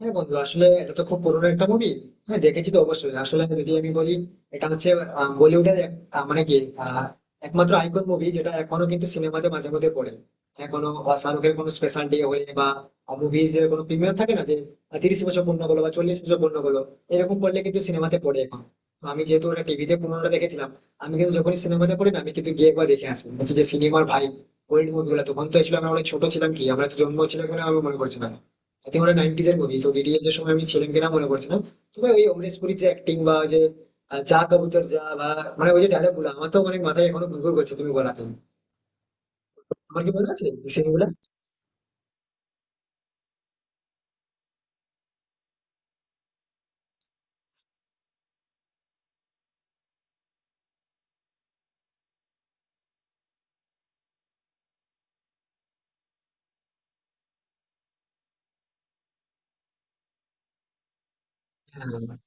হ্যাঁ বন্ধু, আসলে এটা তো খুব পুরোনো একটা মুভি। হ্যাঁ, দেখেছি তো অবশ্যই। আসলে যদি আমি বলি, এটা হচ্ছে বলিউডের মানে কি, আহ, একমাত্র আইকন মুভি যেটা এখনো কিন্তু সিনেমাতে মাঝে মধ্যে পড়ে। হ্যাঁ, কোনো শাহরুখের কোনো স্পেশাল ডে হলে বা মুভির যে কোনো প্রিমিয়ার থাকে না, যে 30 বছর পূর্ণ হলো বা 40 বছর পূর্ণ হলো, এরকম করলে কিন্তু সিনেমাতে পড়ে এখন। তো আমি যেহেতু ওটা টিভিতে পুরোনোটা দেখেছিলাম, আমি কিন্তু যখনই সিনেমাতে পড়ি না আমি কিন্তু গিয়ে একবার দেখে আসি, বলছি যে সিনেমার ভাই। ওল্ড মুভিগুলো তখন তো এসেছিল, আমরা অনেক ছোট ছিলাম, কি আমরা তো জন্ম ছিলাম কিনা আমি মনে করছিলাম। আই থিঙ্ক ওটা 90-এর এর মুভি, তো ডিডিএস এর সময় আমি ছিলাম কিনা মনে পড়ছে না। তবে ওই অমরেশ পুরীর যে অ্যাক্টিং বা ওই যে যা কবুতর যা, বা মানে ওই যে ডায়লগ গুলো আমার তো অনেক মাথায় এখনো ঘুরঘুর করছে তুমি বলাতে। তোমার কি মনে আছে দৃশ্য গুলা? হ্যাঁ,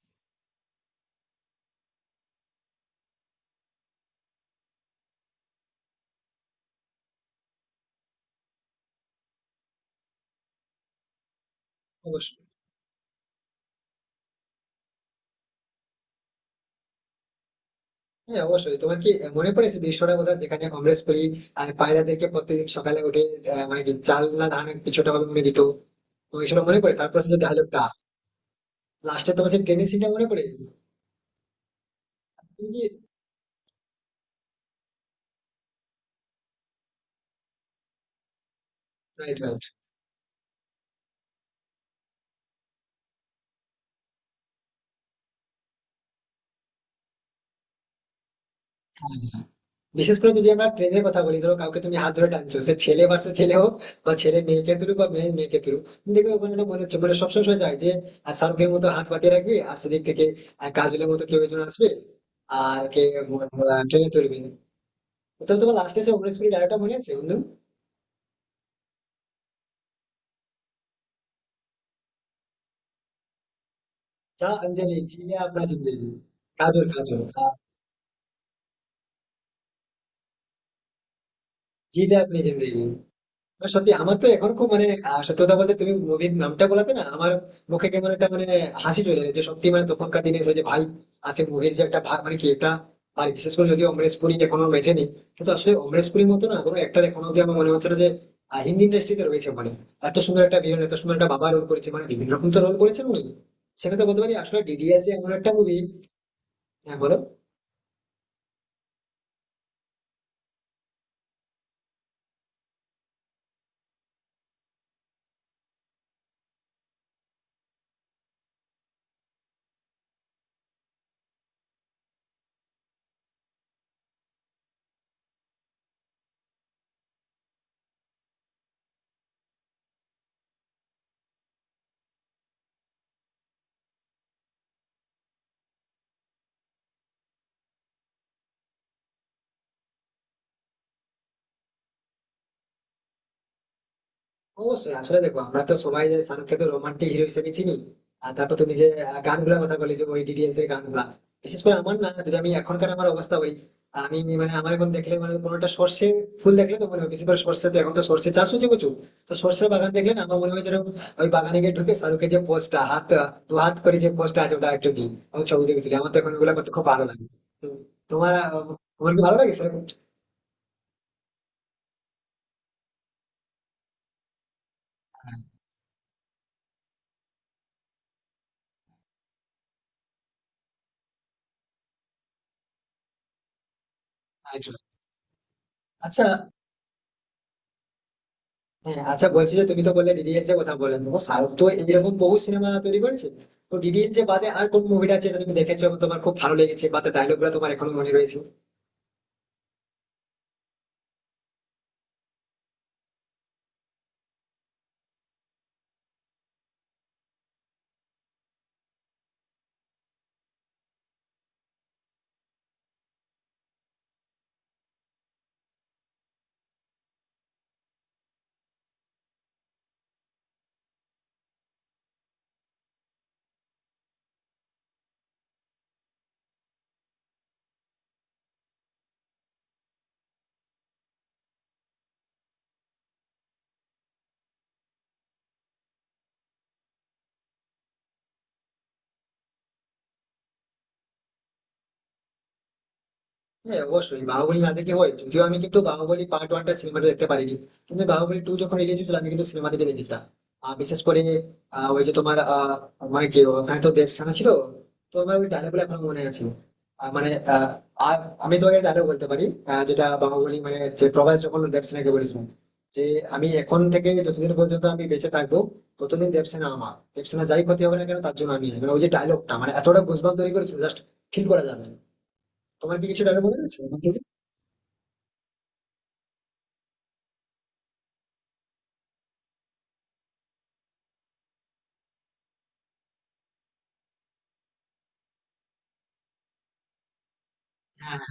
অবশ্যই। হ্যাঁ অবশ্যই, তোমার কি মনে পড়ে সেই দৃশ্যটা কোথাও যেখানে অমরেশ পুরী পায়রাদেরকে প্রত্যেকদিন সকালে উঠে মানে কি, চাল না ধান কিছুটা ভাবে মনে দিত। তো সেটা মনে পড়ে, তারপর সে ডায়লগটা? লাস্টে তোমার সেই ট্রেনিং সিনটা মনে পড়ে? তুমি কি, রাইট রাইট। হ্যাঁ, বিশেষ করে যদি আমরা ট্রেনের কথা বলি, ধরো কাউকে তুমি হাত ধরে টানছো, সে ছেলে ভার্সেস ছেলে হোক বা ছেলে মেয়েকে তুলুক বা মেয়ে মেয়েকে তুলুক, তুমি দেখবে ওখানে একটা মনে হচ্ছে, মানে সবসময় শোনা যায় যে শাহরুখের মতো হাত পাতিয়ে রাখবে, আর সেদিক থেকে কাজলের মতো কেউ একজন আসবে আর কে ট্রেনে তুলবে। তো তোমার লাস্টে সে উনিশ কুড়ি ডায়লগটা মনে আছে বন্ধু? যা অঞ্জলি জিলে আপনার জিন্দেগি। কাজল, কাজল, জিলে আপনি জিন্দেগি। না, সত্যি আমার তো এখন খুব মানে, সত্যি কথা বলতে, তুমি মুভির নামটা বলাতে না আমার মুখে কেমন একটা মানে হাসি চলে এলো, যে সত্যি মানে তখনকার দিনে এসে যে ভাই আসে মুভির যে একটা মানে কি একটা। আর বিশেষ করে যদি অমরেশ পুরী এখনো বেঁচে নেই, কিন্তু আসলে অমরেশ পুরীর মতো না কোনো একটা এখনো অব্দি আমার মনে হচ্ছে না যে হিন্দি ইন্ডাস্ট্রিতে রয়েছে। মানে এত সুন্দর একটা ভিলেন, এত সুন্দর একটা বাবা রোল করেছে, মানে বিভিন্ন রকম তো রোল করেছেন উনি। সেক্ষেত্রে বলতে পারি, আসলে ডিডিআর যে এমন একটা মুভি। হ্যাঁ বলো। অবশ্যই, আসলে দেখো, আমরা তো সবাই যে শাহরুখকে তো রোমান্টিক হিরো হিসেবে চিনি। আর তারপর তুমি যে গানগুলোর কথা বলে, যে ওই ডিডিএস এর গানগুলা, বিশেষ করে আমার না, যদি আমি এখনকার আমার অবস্থা বলি, আমি মানে আমার এখন দেখলে মানে কোনো একটা সর্ষে ফুল দেখলে তো মনে হয়, বিশেষ করে সর্ষে তো এখন তো সর্ষে চাষ হচ্ছে প্রচুর। তো সর্ষের বাগান দেখলে না আমার মনে হয় যেন ওই বাগানে গিয়ে ঢুকে শাহরুখের যে পোস্টটা, হাত দু হাত করে যে পোস্টটা আছে, ওটা একটু দিই এবং ছবি টবি তুলি, আমার তো এখন ওগুলো করতে খুব ভালো লাগে। তো তোমার আহ, তোমার কি ভালো লাগে সেরকম? আচ্ছা। হ্যাঁ, আচ্ছা, বলছি যে তুমি তো বললে ডিডিএলজে এর কথা বললে, দেখো, সাউথ তো এরকম বহু সিনেমা তৈরি করেছে। তো ডিডিএলজে বাদে আর কোন মুভিটা আছে যেটা তুমি দেখেছো এবং তোমার খুব ভালো লেগেছে বা তার ডায়লগ গুলো তোমার এখনো মনে রয়েছে? হ্যাঁ অবশ্যই, বাহুবলী না দেখে হয়? যদিও আমি কিন্তু বাহুবলী পার্ট ওয়ানটা সিনেমাতে দেখতে পারিনি, কিন্তু বাহুবলী টু যখন রিলিজ হয়েছিল আমি কিন্তু সিনেমা থেকে দেখেছিলাম। আর বিশেষ করে ওই যে তোমার, মানে কি, ওখানে তো দেবসেনা ছিল। তো আমার ওই ডায়লগ গুলো এখনো মনে আছে। আহ, মানে আহ, আর আমি তোমাকে ডায়লগ বলতে পারি, যেটা বাহুবলী মানে যে প্রভাস যখন দেবসেনাকে বলেছিলাম যে, আমি এখন থেকে যতদিন পর্যন্ত আমি বেঁচে থাকবো ততদিন দেবসেনা আমার, দেবসেনা যাই ক্ষতি হবে না কেন তার জন্য আমি আছি। মানে ওই যে ডায়লগটা মানে এতটা গুজবাম তৈরি করেছিল, জাস্ট ফিল করা যাবে না। তোমার কি কিছু ডায়লগ মনে আছে? হ্যাঁ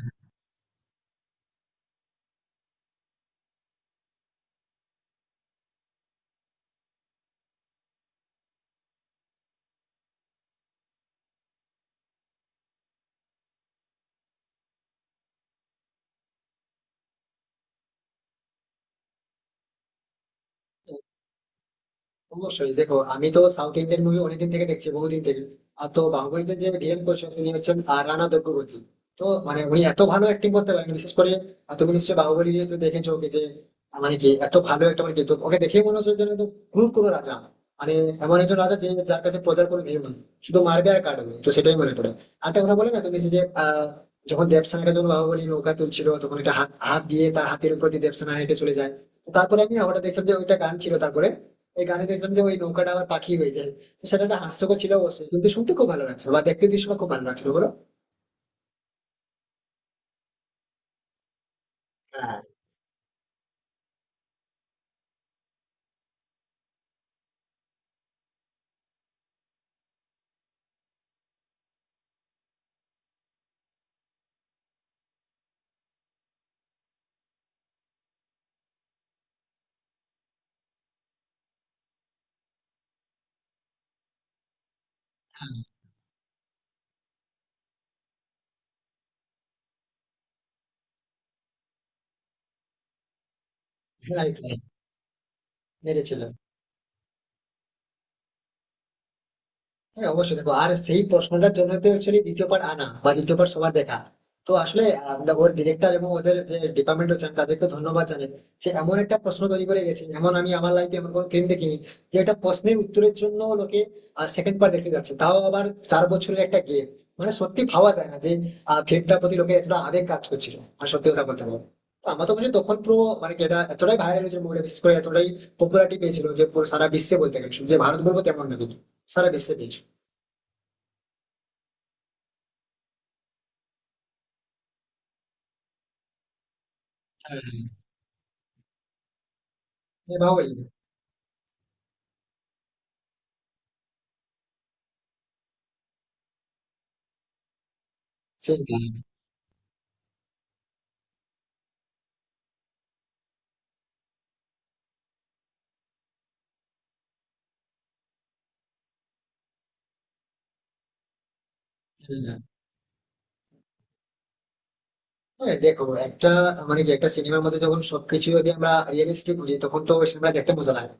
অবশ্যই, দেখো, আমি তো সাউথ ইন্ডিয়ান মুভি অনেকদিন থেকে দেখছি, বহুদিন থেকে। আর তো বাহুবলীতে যে ভিলেন করছে তিনি হচ্ছেন রানা দুর্গাবতী। তো মানে উনি এত ভালো অ্যাক্টিং করতে পারেন, বিশেষ করে তুমি নিশ্চয়ই বাহুবলী তো দেখেছো ওকে, যে মানে কি এত ভালো একটা, মানে কি তো ওকে দেখেই মনে হচ্ছে যেন একদম ক্রুর কোনো রাজা। মানে এমন একজন রাজা যে যার কাছে প্রজার কোনো ভিড় নেই, শুধু মারবে আর কাটবে। তো সেটাই মনে পড়ে। আর একটা কথা বলে না, তুমি সেই যে যখন দেবসেনাটা যখন বাহুবলী নৌকা তুলছিল, তখন একটা হাত হাত দিয়ে তার হাতের উপর দিয়ে দেবসেনা হেঁটে চলে যায়। তো তারপরে আমি হঠাৎ দেখছিলাম যে ওইটা গান ছিল, তারপরে এই গানে দেখলাম যে ওই নৌকাটা আবার পাখি হয়ে যায়। তো সেটা একটা হাস্যকর ছিল অবশ্যই, কিন্তু শুনতে খুব ভালো লাগছে বা দেখতে দৃশ্যটা খুব ভালো লাগছিল বলো। হ্যাঁ, রাইট রাইট। মেরেছিল। হ্যাঁ অবশ্যই, দেখো, আর সেই প্রশ্নটার জন্য তো অ্যাকচুয়ালি দ্বিতীয় part আনা বা দ্বিতীয় part সবার দেখা। তো আসলে দেখো, ওর ডিরেক্টর এবং ওদের যে ডিপার্টমেন্ট হচ্ছে, আমি তাদেরকে ধন্যবাদ জানাই। সে এমন একটা প্রশ্ন তৈরি করে গেছে, এমন আমি আমার লাইফে এমন কোনো ফিল্ম দেখিনি যে একটা প্রশ্নের উত্তরের জন্য লোকে সেকেন্ড পার্ট দেখতে যাচ্ছে, তাও আবার 4 বছরের একটা গেম। মানে সত্যি ভাবা যায় না যে ফিল্মটার প্রতি লোকের এতটা আবেগ কাজ করছিল। আর সত্যি কথা বলতে পারবো তো, আমার তো মনে হয় তখন পুরো মানে কি, এটা এতটাই ভাইরাল হয়েছিল মুভিটা, বিশেষ করে এতটাই পপুলারিটি পেয়েছিল যে পুরো সারা বিশ্বে বলতে গেলে, শুধু যে ভারত বলবো তেমন না, কিন্তু সারা বিশ্বে পেয়েছিল। হ্যাঁ, এভাবেই। সেটাই। হ্যাঁ। হ্যাঁ, হ্যাঁ, দেখো একটা, মানে কি, একটা সিনেমার মধ্যে যখন সবকিছু যদি আমরা রিয়েলিস্টিক বুঝি তখন তো সিনেমা দেখতে মজা লাগে।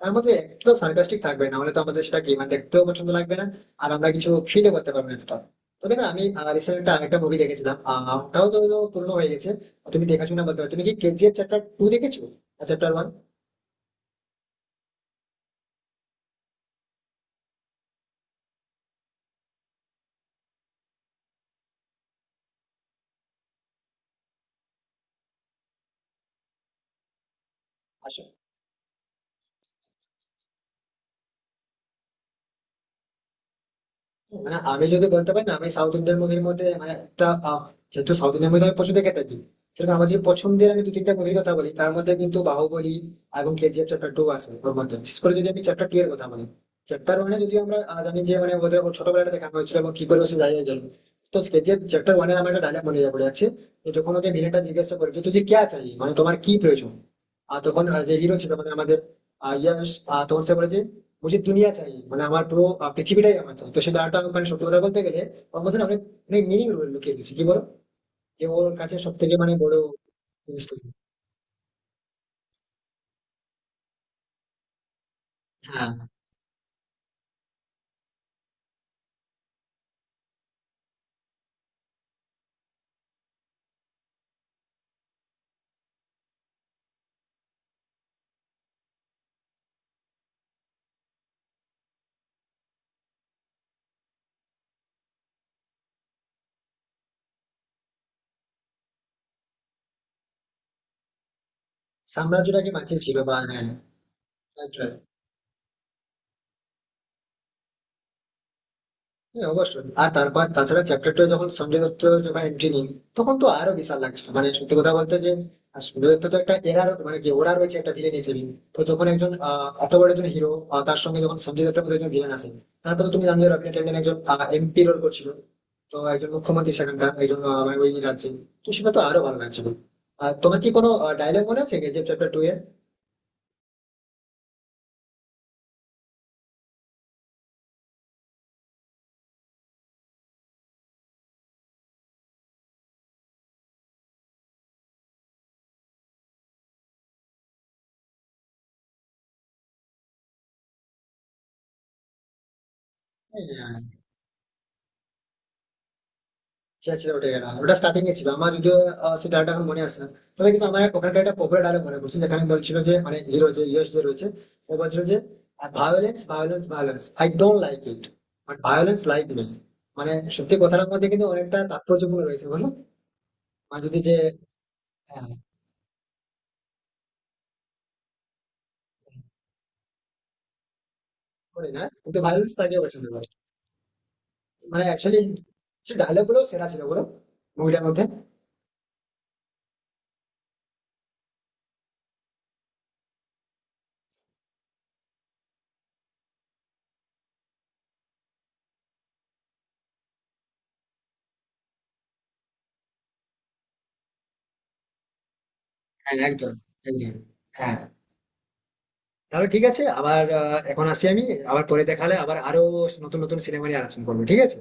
তার মধ্যে একটু সার্কাস্টিক থাকবে না হলে তো আমাদের সেটা কি মানে দেখতেও পছন্দ লাগবে না, আর আমরা কিছু ফিলও করতে পারবো না এতটা। তবে না আমি রিসেন্ট একটা আরেকটা মুভি দেখেছিলাম, ওটাও তো পুরনো হয়ে গেছে। তুমি দেখেছো না, বলতে পারো তুমি কি কেজিএফ চ্যাপ্টার টু দেখেছো, চ্যাপ্টার ওয়ান? মানে আমি যদি বলতে পারি না, আমি সাউথ ইন্ডিয়ান মুভির মধ্যে মানে একটা যেহেতু সাউথ ইন্ডিয়ান মুভি আমি পছন্দ দেখে থাকি, সেরকম আমার যদি পছন্দের আমি দু তিনটা মুভির কথা বলি, তার মধ্যে কিন্তু বাহুবলী এবং কেজিএফ চ্যাপ্টার টু আছে। ওর মধ্যে বিশেষ করে যদি আমি চ্যাপ্টার টু এর কথা বলি, চ্যাপ্টার ওয়ানে যদি আমরা জানি যে মানে ওদের ছোটবেলাটা দেখা হয়েছিল এবং কি করে সে জায়গায় গেল। তো কেজিএফ চ্যাপ্টার ওয়ানে আমার একটা ডায়লগ মনে পড়ে যাচ্ছে, যে যখন ওকে ভিলেনটা জিজ্ঞাসা করে যে তুই যে ক্যা চাই, মানে তোমার কি প্রয়োজন? আর তখন যে হিরো ছিল, মানে আমাদের ইয়াশ, তখন সে বলে যে মুঝে দুনিয়া চাই, মানে আমার পুরো পৃথিবীটাই আমার চাই। তো সেটা একটা মানে সত্যি কথা বলতে গেলে ওর মধ্যে না অনেক, অনেক মিনিং লুকিয়ে গেছে কি বলো? যে ওর কাছে সব থেকে মানে বড় জিনিসটা কি? হ্যাঁ, সাম্রাজ্যটাকে বাঁচিয়েছিল বা, হ্যাঁ, right, right. হ্যাঁ অবশ্যই, আর তারপর তাছাড়া চ্যাপ্টার টু যখন সঞ্জয় দত্ত যখন এন্ট্রি নিই, তখন তো আরো বিশাল লাগছিল মানে সত্যি কথা বলতে যে, আর সঞ্জয় দত্ত তো একটা এরা মানে কি ওরা রয়েছে একটা ভিলেন হিসেবে। তো যখন একজন এত বড় একজন হিরো, তার সঙ্গে যখন সঞ্জয় দত্তের মতো একজন ভিলেন আসে, তারপর তো তুমি জানো যে রবীন্দ্র ট্যান্ডন একজন এমপি রোল করছিল। তো একজন মুখ্যমন্ত্রী সেখানকার একজন মানে ওই রাজ্যে, তো সেটা তো আরো ভালো লাগছিল। আর তোমার কি কোনো ডায়লগ মনে আছে যে চ্যাপ্টার টু এর? হ্যাঁ, সেটা ছিল ওটাই না, ওটা স্টার্টিং এ ছিল আমার যদিও সেই ডায়লগটা এখন মনে আসছে না। তবে কিন্তু আমার ওখানকার একটা পপুলার ডায়লগ মনে পড়ছে, যেখানে বলছিল যে মানে হিরো যে ইয়েস যে রয়েছে সে বলছিল যে violence, violence, violence, I don't like it, but violence like me. মানে সত্যি কথাটার মধ্যে কিন্তু অনেকটা তাৎপর্যপূর্ণ রয়েছে বলো। মানে যদি যে, হ্যাঁ, করে না কিন্তু ভায়োলেন্স তাকেও পছন্দ করে। মানে অ্যাকচুয়ালি সে ডায়লগ গুলো সেরা ছিল বলো মুভিটার মধ্যে। হ্যাঁ একদম, একদম। হ্যাঁ তাহলে ঠিক আছে, আবার এখন আসি আমি, আবার পরে দেখালে আবার আরো নতুন নতুন সিনেমা নিয়ে আলোচনা করবো, ঠিক আছে।